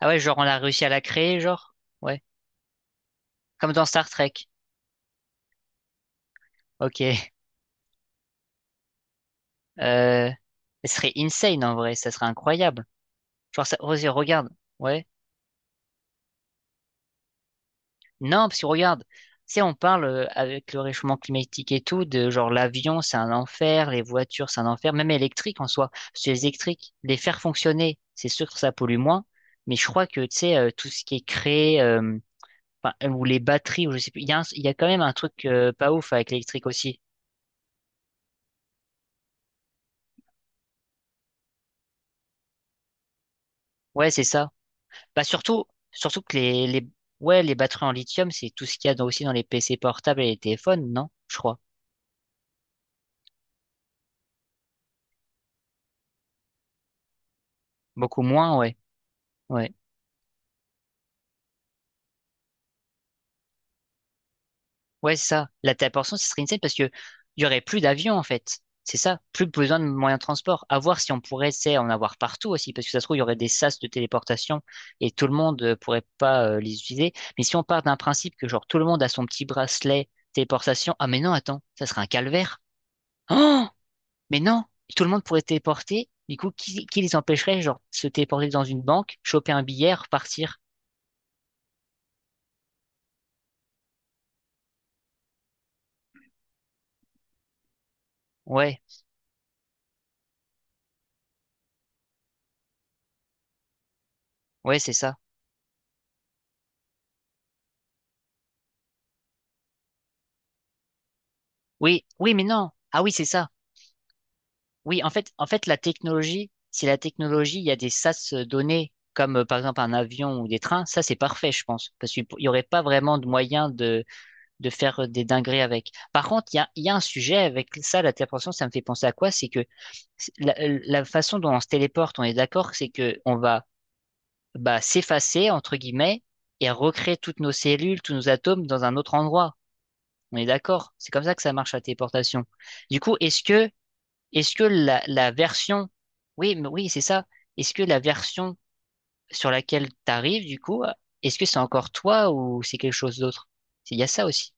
Ah ouais, genre on a réussi à la créer, genre? Ouais. Comme dans Star Trek. Ok. Euh... Ce serait insane en vrai, ça serait incroyable. Genre ça... vas-y, regarde. Ouais. Non, parce que regarde, tu sais, on parle avec le réchauffement climatique et tout, de genre l'avion, c'est un enfer, les voitures, c'est un enfer, même électrique en soi. Parce que les électriques, les faire fonctionner, c'est sûr que ça pollue moins. Mais je crois que, tu sais, tout ce qui est créé, enfin, ou les batteries, ou je sais plus, il y a, il y a quand même un truc pas ouf avec l'électrique aussi. Ouais, c'est ça. Bah surtout, surtout que ouais, les batteries en lithium, c'est tout ce qu'il y a aussi dans les PC portables et les téléphones, non? Je crois. Beaucoup moins, ouais. Ouais. Ouais, c'est ça. La téléportation, ce serait insane parce que il y aurait plus d'avions, en fait. C'est ça. Plus besoin de moyens de transport. À voir si on pourrait, c'est, en avoir partout aussi, parce que ça se trouve, il y aurait des sas de téléportation et tout le monde pourrait pas les utiliser. Mais si on part d'un principe que genre tout le monde a son petit bracelet téléportation, ah mais non, attends, ça serait un calvaire. Mais non, tout le monde pourrait se téléporter. Du coup, qui les empêcherait, genre, de se téléporter dans une banque, choper un billet, repartir? Ouais, ouais, c'est ça. Oui, oui, mais non. Ah oui, c'est ça. Oui, en fait, la technologie, si la technologie, il y a des sas donnés, comme par exemple un avion ou des trains, ça c'est parfait, je pense, parce qu'il n'y aurait pas vraiment de moyen de faire des dingueries avec. Par contre, il y a un sujet avec ça, la téléportation, ça me fait penser à quoi? C'est que la façon dont on se téléporte, on est d'accord, c'est que on va bah, s'effacer, entre guillemets, et recréer toutes nos cellules, tous nos atomes dans un autre endroit. On est d'accord? C'est comme ça que ça marche la téléportation. Du coup, est-ce que la version, oui, mais oui, c'est ça. Est-ce que la version sur laquelle t'arrives, du coup, est-ce que c'est encore toi ou c'est quelque chose d'autre? Il y a ça aussi.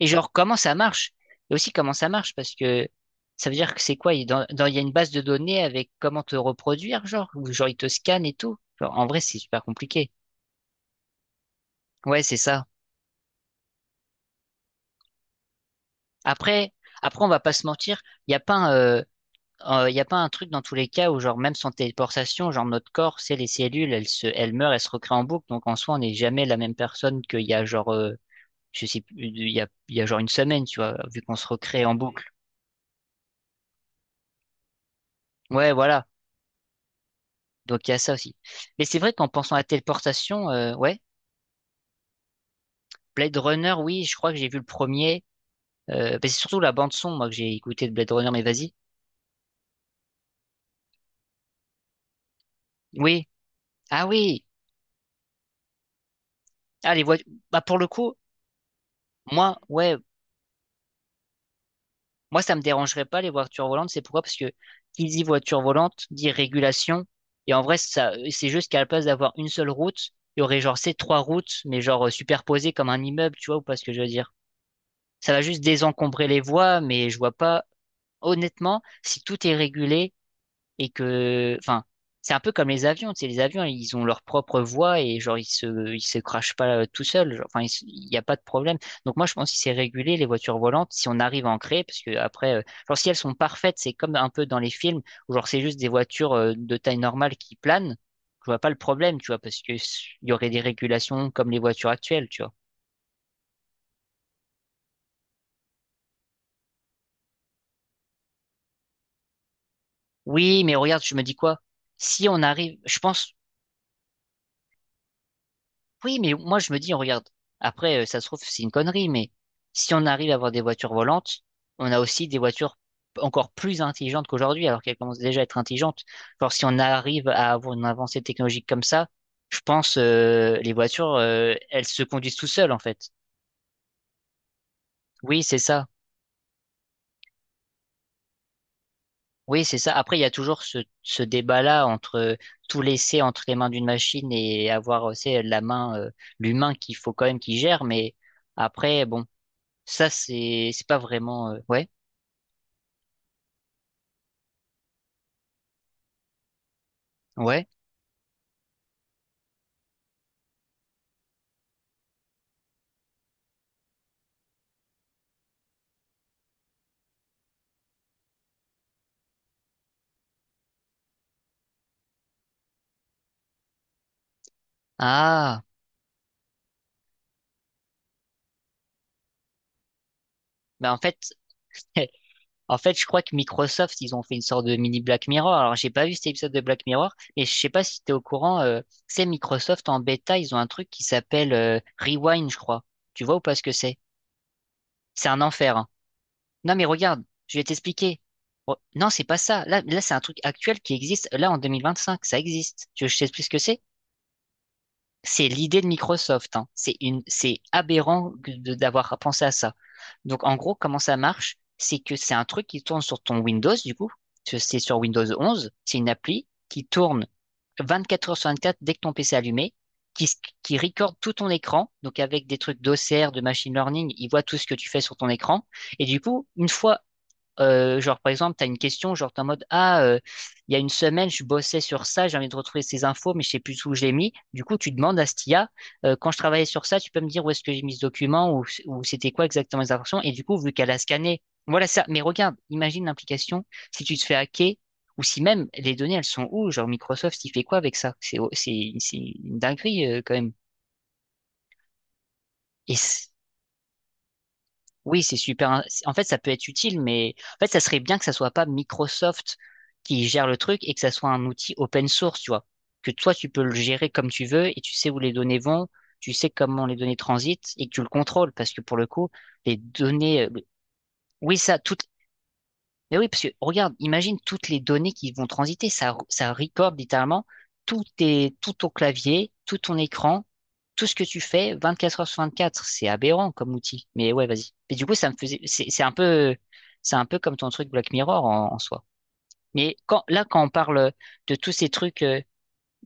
Et genre, comment ça marche? Et aussi comment ça marche, parce que ça veut dire que c'est quoi? Il il y a une base de données avec comment te reproduire, genre, ou genre ils te scannent et tout. Genre, en vrai, c'est super compliqué. Ouais, c'est ça. Après, après, on va pas se mentir, il n'y a pas un, y a pas un truc dans tous les cas où, genre, même sans téléportation, genre, notre corps, c'est les cellules, elles meurent, elles se recréent en boucle. Donc, en soi, on n'est jamais la même personne qu'il y a, genre, je sais plus, il y a genre une semaine, tu vois, vu qu'on se recrée en boucle. Ouais, voilà. Donc, il y a ça aussi. Mais c'est vrai qu'en pensant à la téléportation, ouais. Blade Runner, oui, je crois que j'ai vu le premier. Bah, c'est surtout la bande-son, moi, que j'ai écouté de Blade Runner, mais vas-y. Oui. Ah oui. Ah, les voitures. Bah, pour le coup, moi, ouais, moi, ça me dérangerait pas les voitures volantes. C'est pourquoi? Parce que qui dit voiture volante dit régulation. Et en vrai, ça, c'est juste qu'à la place d'avoir une seule route, il y aurait genre ces trois routes, mais genre superposées comme un immeuble, tu vois, ou pas ce que je veux dire. Ça va juste désencombrer les voies, mais je vois pas. Honnêtement, si tout est régulé, et que, enfin, c'est un peu comme les avions, tu sais, les avions, ils ont leur propre voie et genre, ils se crashent pas tout seuls. Genre, enfin, il n'y a pas de problème. Donc moi, je pense que c'est régulé, les voitures volantes, si on arrive à en créer, parce que après, genre, si elles sont parfaites, c'est comme un peu dans les films, où genre, c'est juste des voitures de taille normale qui planent, je vois pas le problème, tu vois, parce que il y aurait des régulations comme les voitures actuelles, tu vois. Oui, mais regarde, je me dis quoi? Si on arrive, je pense, oui, mais moi je me dis, on regarde, après, ça se trouve, c'est une connerie, mais si on arrive à avoir des voitures volantes, on a aussi des voitures encore plus intelligentes qu'aujourd'hui, alors qu'elles commencent déjà à être intelligentes. Genre, si on arrive à avoir une avancée technologique comme ça, je pense les voitures, elles se conduisent tout seules, en fait. Oui, c'est ça. Oui, c'est ça. Après, il y a toujours ce débat-là entre tout laisser entre les mains d'une machine et avoir, c'est la main, l'humain qu'il faut quand même qu'il gère, mais après, bon. Ça, c'est pas vraiment ouais, ouais. Ah, bah en fait, en fait, je crois que Microsoft, ils ont fait une sorte de mini Black Mirror. Alors, j'ai pas vu cet épisode de Black Mirror, mais je sais pas si t'es au courant, c'est Microsoft en bêta, ils ont un truc qui s'appelle Rewind, je crois. Tu vois ou pas ce que c'est? C'est un enfer, hein. Non, mais regarde, je vais t'expliquer. Non, c'est pas ça. Là, c'est un truc actuel qui existe. Là, en 2025 ça existe. Tu veux que je t'explique ce que c'est? C'est l'idée de Microsoft, hein. C'est une, c'est aberrant que d'avoir pensé à ça. Donc en gros, comment ça marche? C'est que c'est un truc qui tourne sur ton Windows, du coup. Parce que c'est sur Windows 11. C'est une appli qui tourne 24 heures sur 24 dès que ton PC est allumé, qui, s- qui recorde tout ton écran. Donc avec des trucs d'OCR, de machine learning, il voit tout ce que tu fais sur ton écran. Et du coup, une fois genre, par exemple, tu as une question, genre, t'es en mode, ah, il y a une semaine, je bossais sur ça, j'ai envie de retrouver ces infos, mais je sais plus où je l'ai mis. Du coup, tu demandes à Stia, quand je travaillais sur ça, tu peux me dire où est-ce que j'ai mis ce document ou c'était quoi exactement les informations. Et du coup, vu qu'elle a scanné, voilà ça. Mais regarde, imagine l'implication si tu te fais hacker ou si même les données, elles sont où? Genre, Microsoft, il fait quoi avec ça? C'est une dinguerie, quand même. Et oui, c'est super. En fait, ça peut être utile, mais en fait, ça serait bien que ça soit pas Microsoft qui gère le truc et que ça soit un outil open source, tu vois. Que toi, tu peux le gérer comme tu veux et tu sais où les données vont, tu sais comment les données transitent et que tu le contrôles parce que pour le coup, les données, oui, ça, tout, mais oui, parce que regarde, imagine toutes les données qui vont transiter. Ça recorde littéralement tout, tout ton clavier, tout ton écran, tout ce que tu fais 24 heures sur 24. C'est aberrant comme outil. Mais ouais, vas-y. Mais du coup, ça me faisait, c'est un peu, c'est un peu comme ton truc Black Mirror en soi. Mais quand, là, quand on parle de tous ces trucs,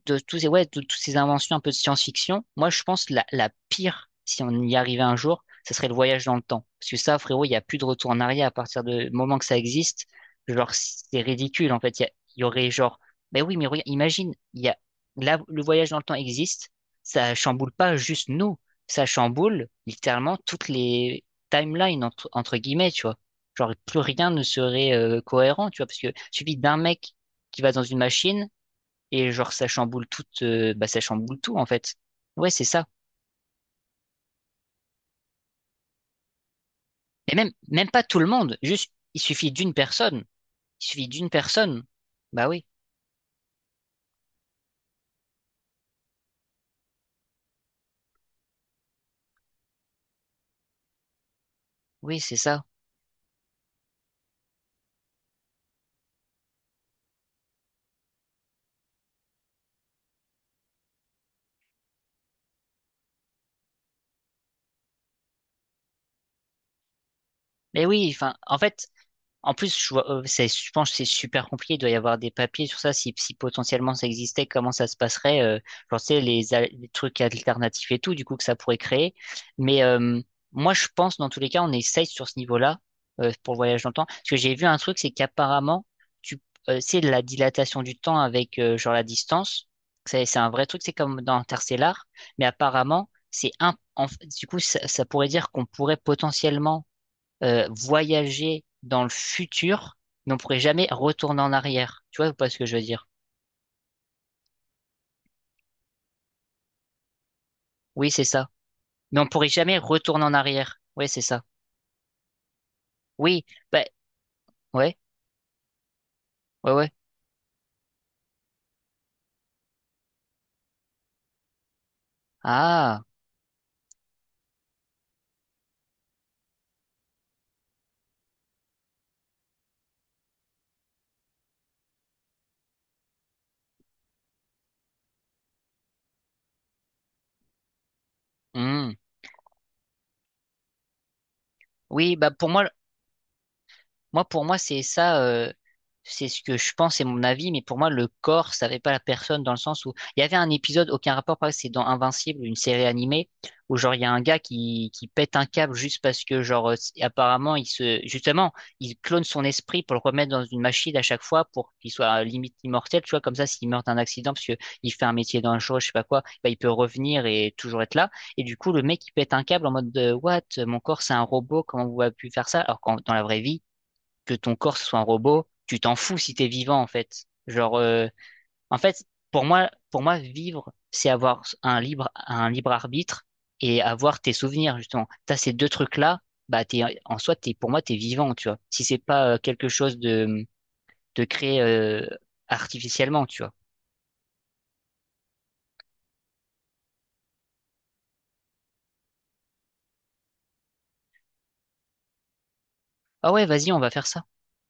de tous ces, ouais, de toutes ces inventions un peu de science-fiction, moi, je pense la pire, si on y arrivait un jour, ce serait le voyage dans le temps. Parce que ça, frérot, il n'y a plus de retour en arrière à partir du moment que ça existe. Genre, c'est ridicule, en fait. Il y aurait genre, ben oui, mais regarde, imagine, il y a, là, le voyage dans le temps existe. Ça chamboule pas juste nous. Ça chamboule littéralement toutes les timelines, entre guillemets, tu vois. Genre, plus rien ne serait cohérent, tu vois. Parce que suffit d'un mec qui va dans une machine et genre, ça chamboule tout, bah, ça chamboule tout, en fait. Ouais, c'est ça. Et même, même pas tout le monde. Juste, il suffit d'une personne. Il suffit d'une personne. Bah oui, oui, c'est ça. Mais oui, enfin, en fait, en plus, je vois, je pense que c'est super compliqué. Il doit y avoir des papiers sur ça. Si, si potentiellement ça existait, comment ça se passerait? Genre, tu sais, les trucs alternatifs et tout, du coup, que ça pourrait créer. Mais moi, je pense, dans tous les cas, on est safe sur ce niveau-là pour le voyage dans le temps. Parce que j'ai vu un truc, c'est qu'apparemment, tu, c'est la dilatation du temps avec genre la distance. C'est un vrai truc, c'est comme dans Interstellar. Mais apparemment, du coup, ça pourrait dire qu'on pourrait potentiellement voyager dans le futur, mais on pourrait jamais retourner en arrière. Tu vois ou pas ce que je veux dire? Oui, c'est ça. Mais on pourrait jamais retourner en arrière. Oui, c'est ça. Oui, bah, ouais, ouais, ouais. Ah, hmm. Oui, bah pour moi, moi, pour moi, c'est ça, c'est ce que je pense, c'est mon avis, mais pour moi, le corps, ça savait pas la personne dans le sens où il y avait un épisode, aucun rapport, pareil, c'est dans Invincible, une série animée, où genre, il y a un gars qui pète un câble juste parce que, genre, apparemment, justement, il clone son esprit pour le remettre dans une machine à chaque fois pour qu'il soit limite immortel, tu vois, comme ça, s'il meurt d'un accident, parce que il fait un métier dangereux, je sais pas quoi, bah, il peut revenir et toujours être là. Et du coup, le mec, il pète un câble en mode de, what? Mon corps, c'est un robot, comment vous avez pu faire ça? Alors qu'en, dans la vraie vie, que ton corps soit un robot, tu t'en fous si t'es vivant en fait. Genre, en fait, pour moi, vivre, c'est avoir un libre arbitre et avoir tes souvenirs justement. T'as ces deux trucs-là, bah t'es, en soi, t'es, pour moi, t'es vivant, tu vois. Si c'est pas quelque chose de créé artificiellement, tu vois. Ah ouais, vas-y, on va faire ça.